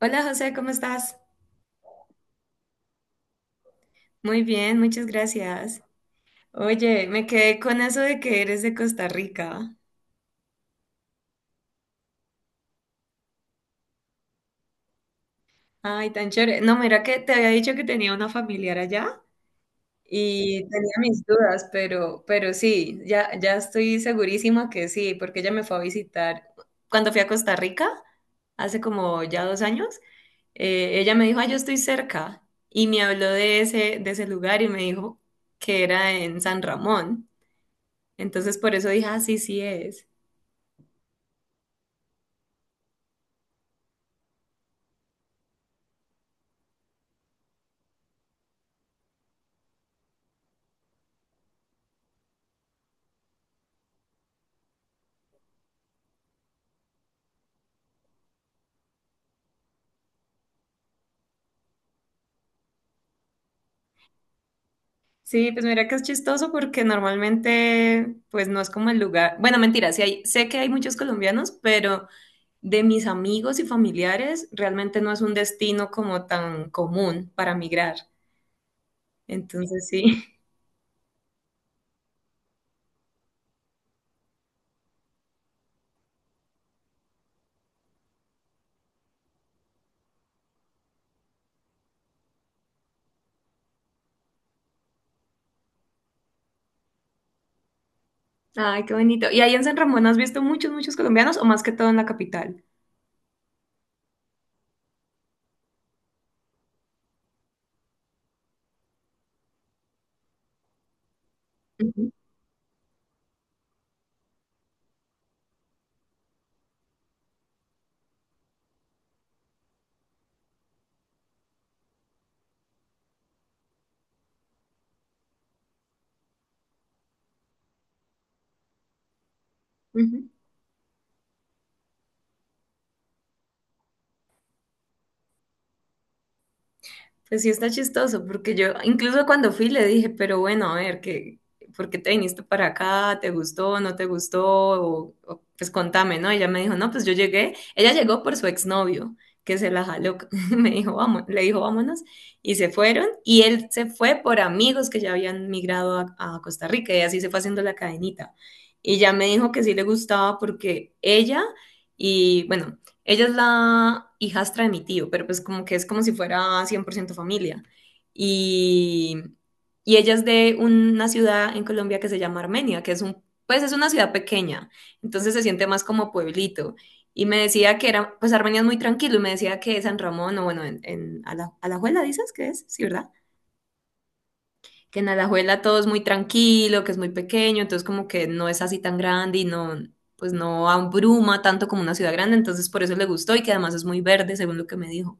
Hola José, ¿cómo estás? Muy bien, muchas gracias. Oye, me quedé con eso de que eres de Costa Rica. Ay, tan chévere. No, mira que te había dicho que tenía una familiar allá y tenía mis dudas, pero sí, ya estoy segurísima que sí, porque ella me fue a visitar cuando fui a Costa Rica, hace como ya 2 años. Ella me dijo, ah, yo estoy cerca y me habló de ese lugar y me dijo que era en San Ramón. Entonces por eso dije, ah, sí, sí es. Sí, pues mira que es chistoso porque normalmente, pues no es como el lugar. Bueno, mentira, sí hay, sé que hay muchos colombianos, pero de mis amigos y familiares, realmente no es un destino como tan común para migrar. Entonces sí. Ay, qué bonito. ¿Y ahí en San Ramón has visto muchos, muchos colombianos o más que todo en la capital? Ujú, ujú. Pues sí está chistoso, porque yo incluso cuando fui le dije, pero bueno, a ver, ¿qué, por qué te viniste para acá? ¿Te gustó? ¿No te gustó? Pues contame, ¿no? Ella me dijo, no, pues yo llegué, ella llegó por su exnovio, que se la jaló, me dijo, vamos, le dijo, vámonos, y se fueron, y él se fue por amigos que ya habían migrado a Costa Rica, y así se fue haciendo la cadenita. Y ya me dijo que sí le gustaba porque ella... Y bueno, ella es la hijastra de mi tío, pero pues como que es como si fuera 100% familia. Y, y ella es de una ciudad en Colombia que se llama Armenia, que es un, pues es una ciudad pequeña, entonces se siente más como pueblito. Y me decía que era, pues Armenia es muy tranquilo, y me decía que San Ramón, o bueno, en Ala- Alajuela, ¿dices que es? Sí, ¿verdad? Que en Alajuela todo es muy tranquilo, que es muy pequeño, entonces como que no es así tan grande y no, pues no abruma tanto como una ciudad grande, entonces por eso le gustó y que además es muy verde, según lo que me dijo.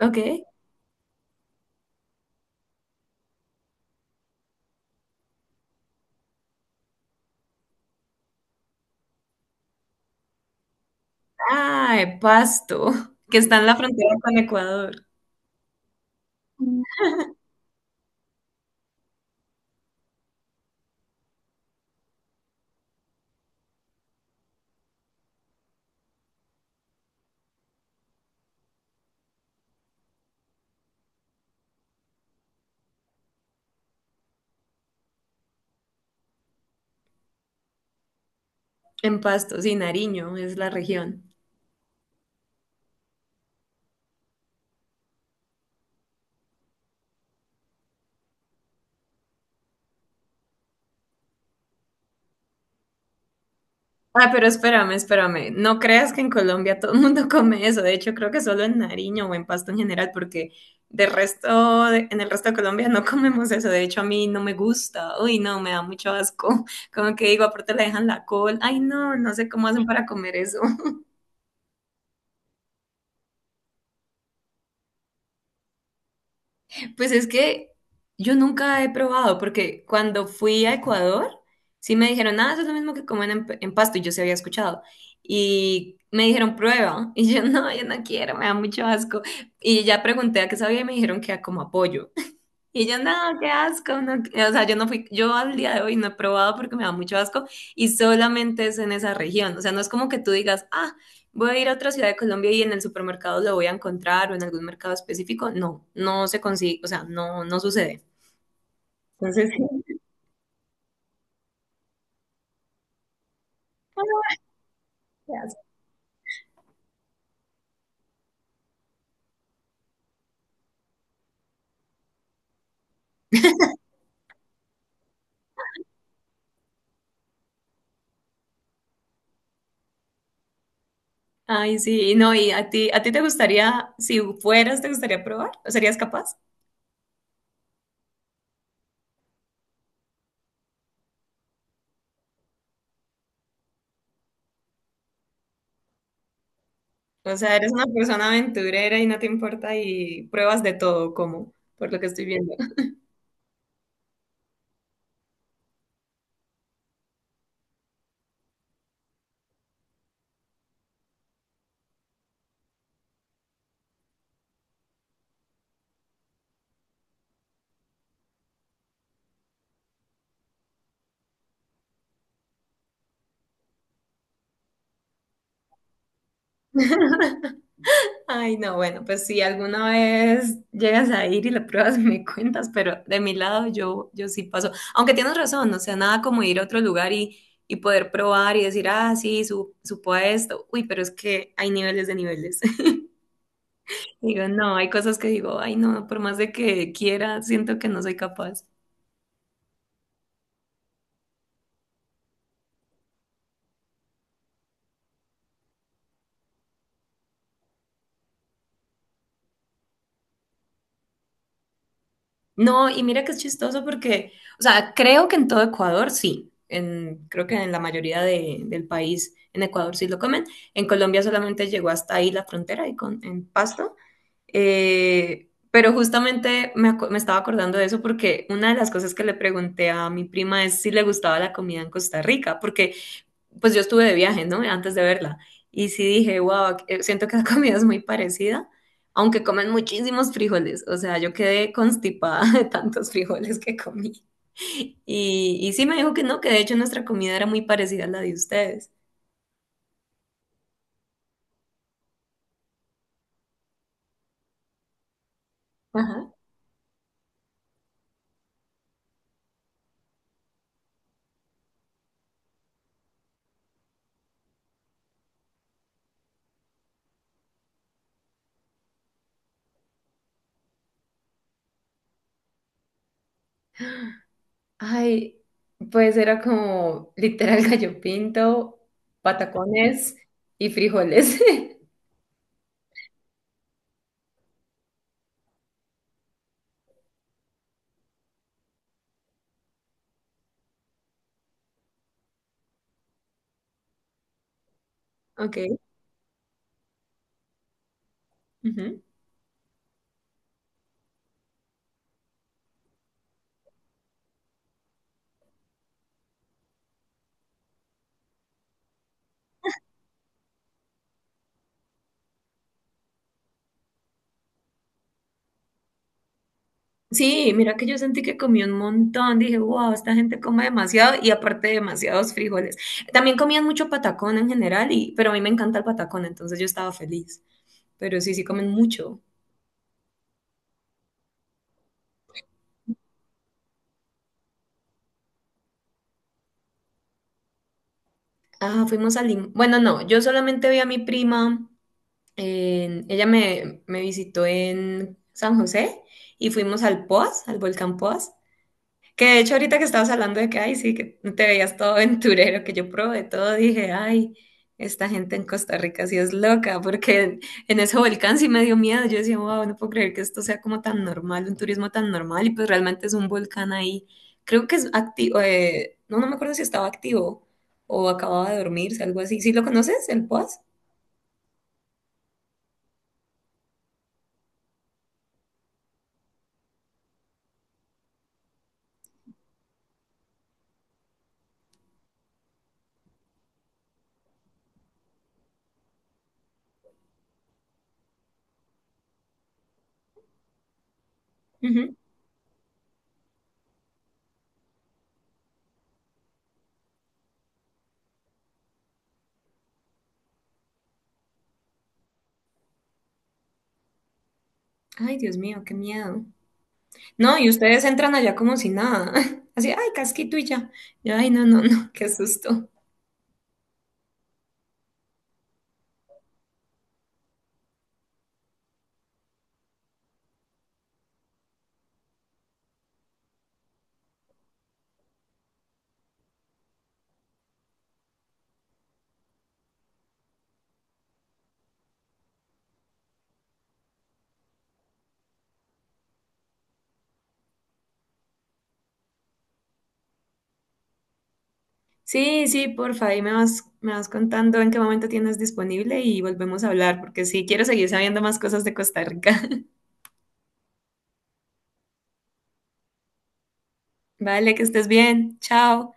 Ok. Ah, Pasto, que está en la frontera con Ecuador. En Pasto, sí, Nariño es la región. Ah, pero espérame. No creas que en Colombia todo el mundo come eso. De hecho, creo que solo en Nariño o en Pasto en general, porque de resto, en el resto de Colombia no comemos eso. De hecho, a mí no me gusta. Uy, no, me da mucho asco. Como que digo, aparte le dejan la col. Ay, no, no sé cómo hacen para comer eso. Pues es que yo nunca he probado, porque cuando fui a Ecuador, sí me dijeron, ah, eso es lo mismo que comen en Pasto, y yo sí había escuchado. Y me dijeron, prueba. Y yo, no, yo no quiero, me da mucho asco. Y ya pregunté a qué sabía y me dijeron que a como apoyo. Y yo, no, qué asco, no, que-". O sea, yo no fui, yo al día de hoy no he probado porque me da mucho asco y solamente es en esa región, o sea, no es como que tú digas, ah, voy a ir a otra ciudad de Colombia y en el supermercado lo voy a encontrar o en algún mercado específico, no, no se consigue, o sea, no, no sucede. Entonces, sí. "Ah, qué asco". Ay, sí, no, y a ti te gustaría, si fueras, te gustaría probar, ¿o serías capaz? O sea, eres una persona aventurera y no te importa y pruebas de todo, como, por lo que estoy viendo. Ay, no, bueno, pues si alguna vez llegas a ir y la pruebas, me cuentas, pero de mi lado yo, yo sí paso. Aunque tienes razón, o sea, nada como ir a otro lugar y poder probar y decir, ah, sí, su, supo a esto. Uy, pero es que hay niveles de niveles. Digo, no, hay cosas que digo, ay, no, por más de que quiera, siento que no soy capaz. No, y mira que es chistoso porque, o sea, creo que en todo Ecuador sí, en, creo que en la mayoría del país en Ecuador sí lo comen, en Colombia solamente llegó hasta ahí la frontera y con, en Pasto. Pero justamente me, me estaba acordando de eso porque una de las cosas que le pregunté a mi prima es si le gustaba la comida en Costa Rica, porque pues yo estuve de viaje, ¿no? Antes de verla. Y sí dije, wow, siento que la comida es muy parecida, aunque comen muchísimos frijoles. O sea, yo quedé constipada de tantos frijoles que comí. Y sí me dijo que no, que de hecho nuestra comida era muy parecida a la de ustedes. Ajá. Ay, pues era como literal gallo pinto, patacones y frijoles. Ok. Ujú. Sí, mira que yo sentí que comí un montón, dije, wow, esta gente come demasiado y aparte demasiados frijoles. También comían mucho patacón en general, y, pero a mí me encanta el patacón, entonces yo estaba feliz. Pero sí, sí comen mucho. Ah, fuimos a Lim... Bueno, no, yo solamente vi a mi prima, ella me, me visitó en San José y fuimos al Poas, al volcán Poas. Que de hecho ahorita que estabas hablando de que, ay, sí, que te veías todo aventurero, que yo probé todo, dije, ay, esta gente en Costa Rica sí es loca, porque en ese volcán sí me dio miedo. Yo decía, wow, no puedo creer que esto sea como tan normal, un turismo tan normal, y pues realmente es un volcán ahí. Creo que es activo, no, no me acuerdo si estaba activo o acababa de dormirse, algo así. ¿Sí lo conoces, el Poas? Ujú. Ay, Dios mío, qué miedo. No, y ustedes entran allá como si nada. Así, ay, casquito y ya. Yo, ay, no, no, no, qué susto. Sí, sí, porfa, ahí me vas contando en qué momento tienes disponible y volvemos a hablar, porque sí, quiero seguir sabiendo más cosas de Costa Rica. Vale, que estés bien. Chao.